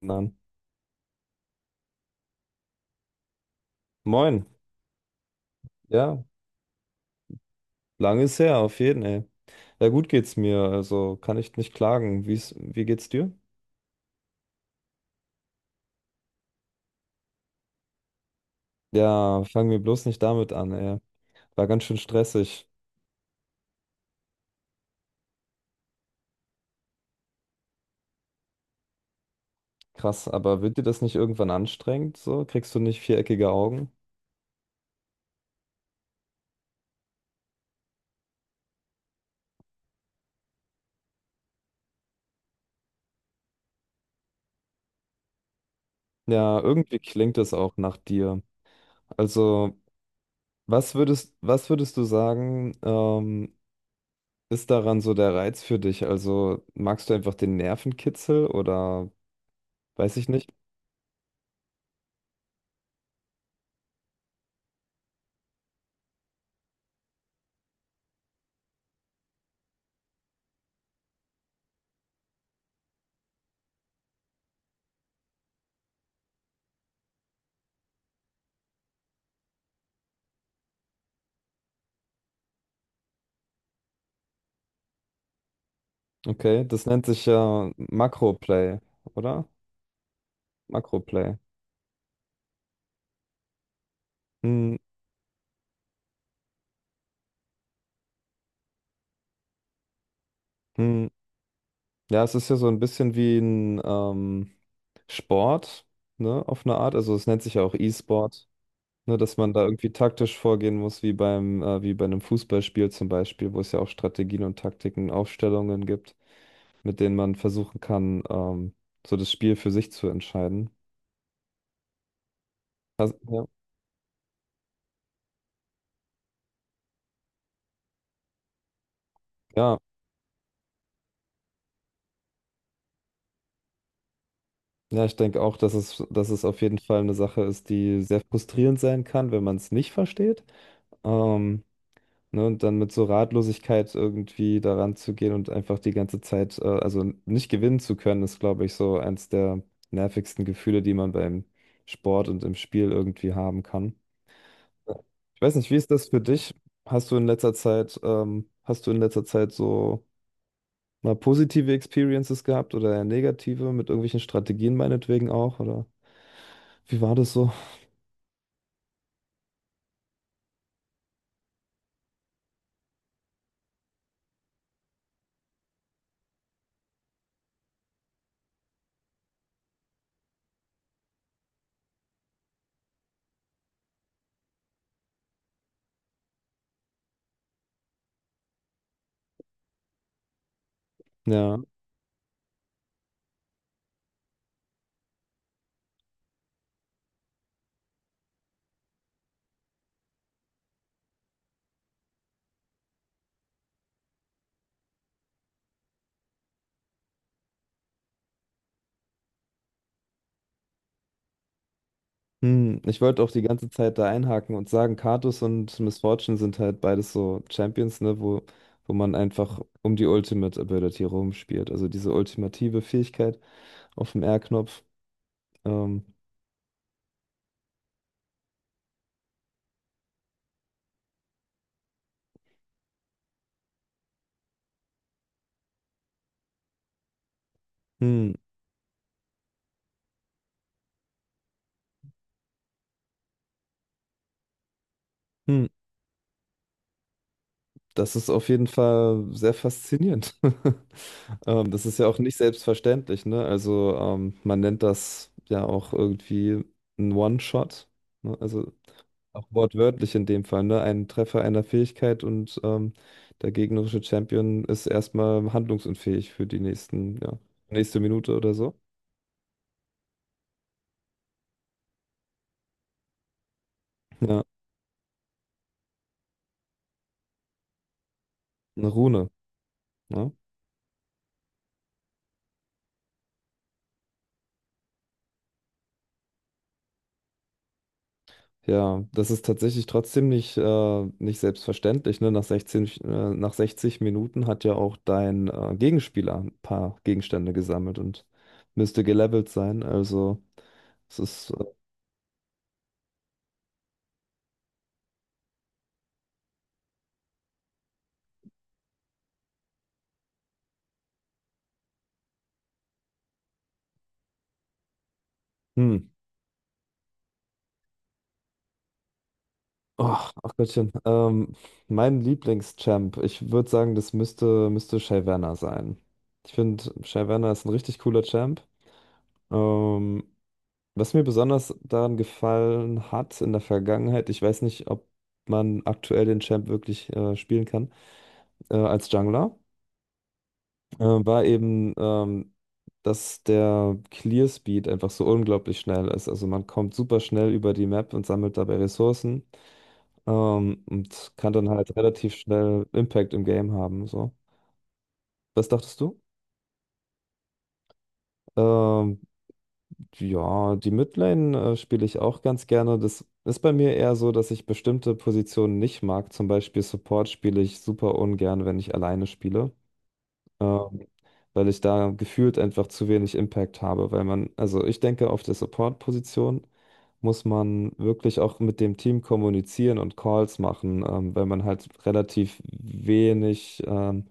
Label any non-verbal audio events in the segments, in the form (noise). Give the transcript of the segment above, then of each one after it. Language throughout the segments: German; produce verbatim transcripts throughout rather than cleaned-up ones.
Nein. Moin. Ja, lange ist her, auf jeden, ey. Ja, gut geht's mir, also kann ich nicht klagen. Wie's, wie geht's dir? Ja, fangen wir bloß nicht damit an, ey. War ganz schön stressig. Krass, aber wird dir das nicht irgendwann anstrengend, so? Kriegst du nicht viereckige Augen? Ja, irgendwie klingt das auch nach dir. Also, was würdest, was würdest du sagen, ähm, ist daran so der Reiz für dich? Also, magst du einfach den Nervenkitzel oder weiß ich nicht? Okay, das nennt sich ja Makroplay, oder? Makroplay. Hm, hm. Ja, es ist ja so ein bisschen wie ein ähm, Sport, ne, auf eine Art. Also es nennt sich ja auch E-Sport, ne, dass man da irgendwie taktisch vorgehen muss, wie beim, äh, wie bei einem Fußballspiel zum Beispiel, wo es ja auch Strategien und Taktiken, Aufstellungen gibt, mit denen man versuchen kann, ähm, so das Spiel für sich zu entscheiden. Das, ja. Ja, ja, ich denke auch, dass es, dass es auf jeden Fall eine Sache ist, die sehr frustrierend sein kann, wenn man es nicht versteht. Ähm, ne, und dann mit so Ratlosigkeit irgendwie daran zu gehen und einfach die ganze Zeit, äh, also nicht gewinnen zu können, ist, glaube ich, so eins der nervigsten Gefühle, die man beim Sport und im Spiel irgendwie haben kann. Ich weiß nicht, wie ist das für dich? Hast du in letzter Zeit, ähm, hast du in letzter Zeit so mal positive Experiences gehabt oder eher negative mit irgendwelchen Strategien meinetwegen auch? Oder wie war das so? Ja. Hm, ich wollte auch die ganze Zeit da einhaken und sagen, Katus und Miss Fortune sind halt beides so Champions, ne, wo, wo man einfach um die Ultimate Ability rumspielt. Also diese ultimative Fähigkeit auf dem R-Knopf. Ähm, hm, hm, das ist auf jeden Fall sehr faszinierend. (laughs) Ähm, das ist ja auch nicht selbstverständlich, ne? Also ähm, man nennt das ja auch irgendwie ein One-Shot. Ne? Also Auch wortwörtlich in dem Fall, ne? Ein Treffer einer Fähigkeit und ähm, der gegnerische Champion ist erstmal handlungsunfähig für die nächsten, ja, nächste Minute oder so. Ja, eine Rune, ne? Ja, das ist tatsächlich trotzdem nicht, äh, nicht selbstverständlich, ne? Nach sechzehn, äh, nach sechzig Minuten hat ja auch dein äh, Gegenspieler ein paar Gegenstände gesammelt und müsste gelevelt sein. Also, es ist, äh, hm. Oh, ach Gottchen. Ähm, mein Lieblingschamp. Ich würde sagen, das müsste, müsste Shyvana sein. Ich finde, Shyvana ist ein richtig cooler Champ. Ähm, was mir besonders daran gefallen hat in der Vergangenheit, ich weiß nicht, ob man aktuell den Champ wirklich äh, spielen kann, äh, als Jungler, äh, war eben, ähm, dass der Clear Speed einfach so unglaublich schnell ist. Also man kommt super schnell über die Map und sammelt dabei Ressourcen. Ähm, und kann dann halt relativ schnell Impact im Game haben. So. Was dachtest du? Ähm, ja, die Midlane äh, spiele ich auch ganz gerne. Das ist bei mir eher so, dass ich bestimmte Positionen nicht mag. Zum Beispiel Support spiele ich super ungern, wenn ich alleine spiele. Ähm, weil ich da gefühlt einfach zu wenig Impact habe. Weil man, also ich denke, auf der Support-Position muss man wirklich auch mit dem Team kommunizieren und Calls machen, ähm, weil man halt relativ wenig. ähm,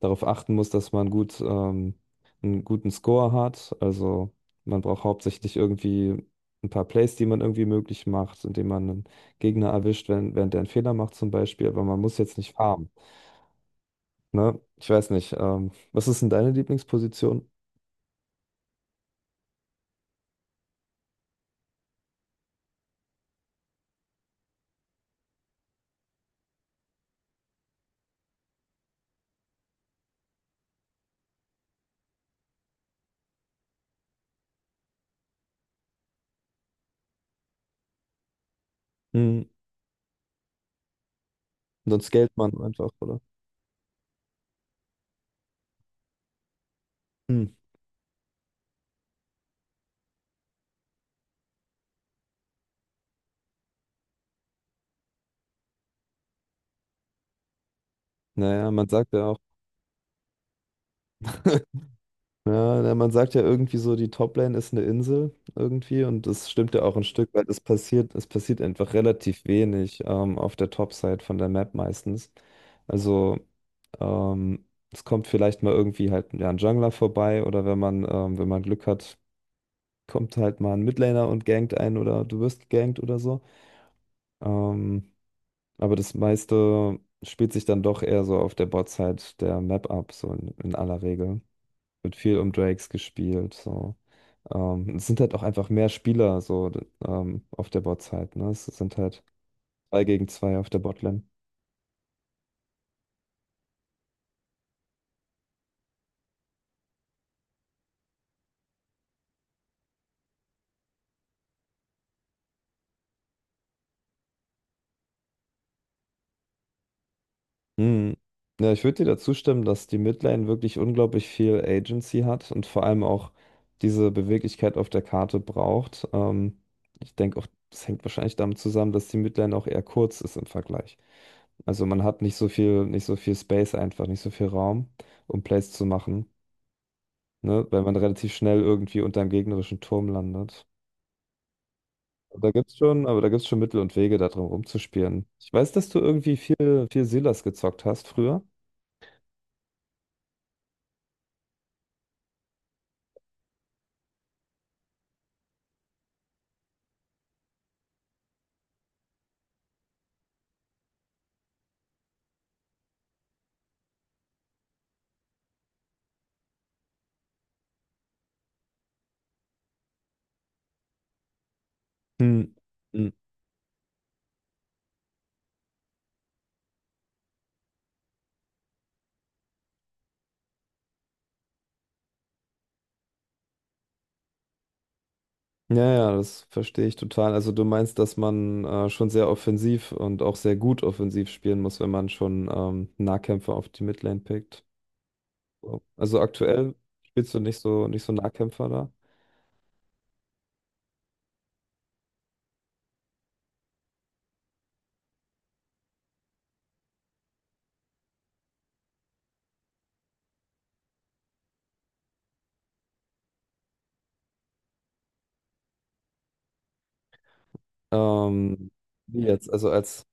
darauf achten muss, dass man gut, ähm, einen guten Score hat. Also man braucht hauptsächlich irgendwie ein paar Plays, die man irgendwie möglich macht, indem man einen Gegner erwischt, wenn, während der einen Fehler macht zum Beispiel. Aber man muss jetzt nicht farmen. Ne? Ich weiß nicht. Ähm, was ist denn deine Lieblingsposition? Hm, sonst scaled man einfach, oder? Hm. Naja, man sagt ja auch. (laughs) Ja, na, man sagt ja irgendwie so, die Toplane ist eine Insel irgendwie und das stimmt ja auch ein Stück weit. Es passiert, es passiert einfach relativ wenig ähm, auf der Topside von der Map meistens. Also ähm, es kommt vielleicht mal irgendwie halt ja, ein Jungler vorbei oder wenn man, ähm, wenn man Glück hat, kommt halt mal ein Midlaner und gankt einen oder du wirst gegankt oder so. Ähm, aber das meiste spielt sich dann doch eher so auf der Botside der Map ab, so in, in aller Regel wird viel um Drakes gespielt. So. Ähm, es sind halt auch einfach mehr Spieler so d- ähm, auf der bot. Ne? Es sind halt zwei gegen zwei auf der Botlane. Hm. Ja, ich würde dir dazu stimmen, dass die Midlane wirklich unglaublich viel Agency hat und vor allem auch diese Beweglichkeit auf der Karte braucht. Ähm, ich denke auch, das hängt wahrscheinlich damit zusammen, dass die Midlane auch eher kurz ist im Vergleich. Also man hat nicht so viel, nicht so viel Space einfach, nicht so viel Raum, um Plays zu machen, ne, weil man relativ schnell irgendwie unter einem gegnerischen Turm landet. Da gibt's schon, aber da gibt's schon Mittel und Wege, da drum rumzuspielen. Ich weiß, dass du irgendwie viel, viel Silas gezockt hast früher. Hm. Hm. Ja, ja, das verstehe ich total. Also du meinst, dass man äh, schon sehr offensiv und auch sehr gut offensiv spielen muss, wenn man schon ähm, Nahkämpfer auf die Midlane pickt. So. Also aktuell spielst du nicht so nicht so Nahkämpfer da. Ähm, wie jetzt, also als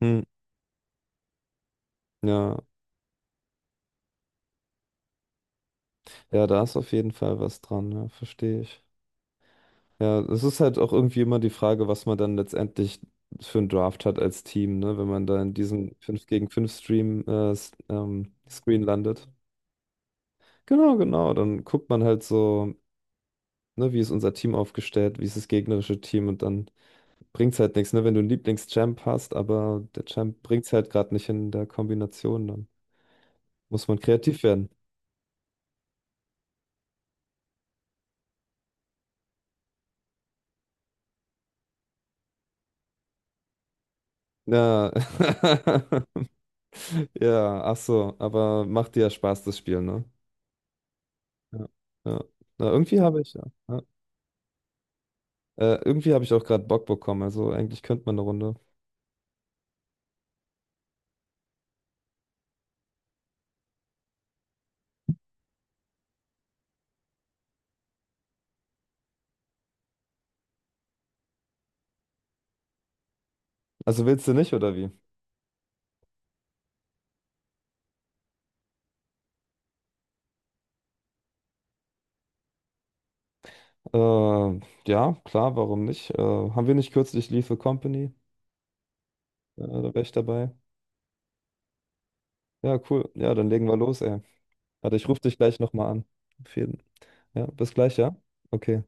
hm, ja, ja, da ist auf jeden Fall was dran, ja, verstehe ich. Ja, es ist halt auch irgendwie immer die Frage, was man dann letztendlich für einen Draft hat als Team, ne? Wenn man da in diesem fünf gegen fünf Stream äh, s- ähm, Screen landet. Genau, genau. Dann guckt man halt so, ne, wie ist unser Team aufgestellt, wie ist das gegnerische Team und dann bringt's halt nichts, ne? Wenn du einen Lieblingschamp hast, aber der Champ bringt's halt gerade nicht in der Kombination, dann muss man kreativ werden. Ja. (laughs) Ja, ach so, aber macht dir ja Spaß, das Spiel, ne? Ja. Ja. Na, irgendwie habe ich ja. Ja. Äh, irgendwie habe ich auch gerade Bock bekommen, also eigentlich könnte man eine Runde. Also willst du nicht, oder wie? Äh, ja, klar, warum nicht? Äh, haben wir nicht kürzlich Lethal Company? Äh, da wäre ich dabei. Ja, cool. Ja, dann legen wir los, ey. Warte, ich rufe dich gleich nochmal an. Auf jeden. Ja, bis gleich, ja? Okay.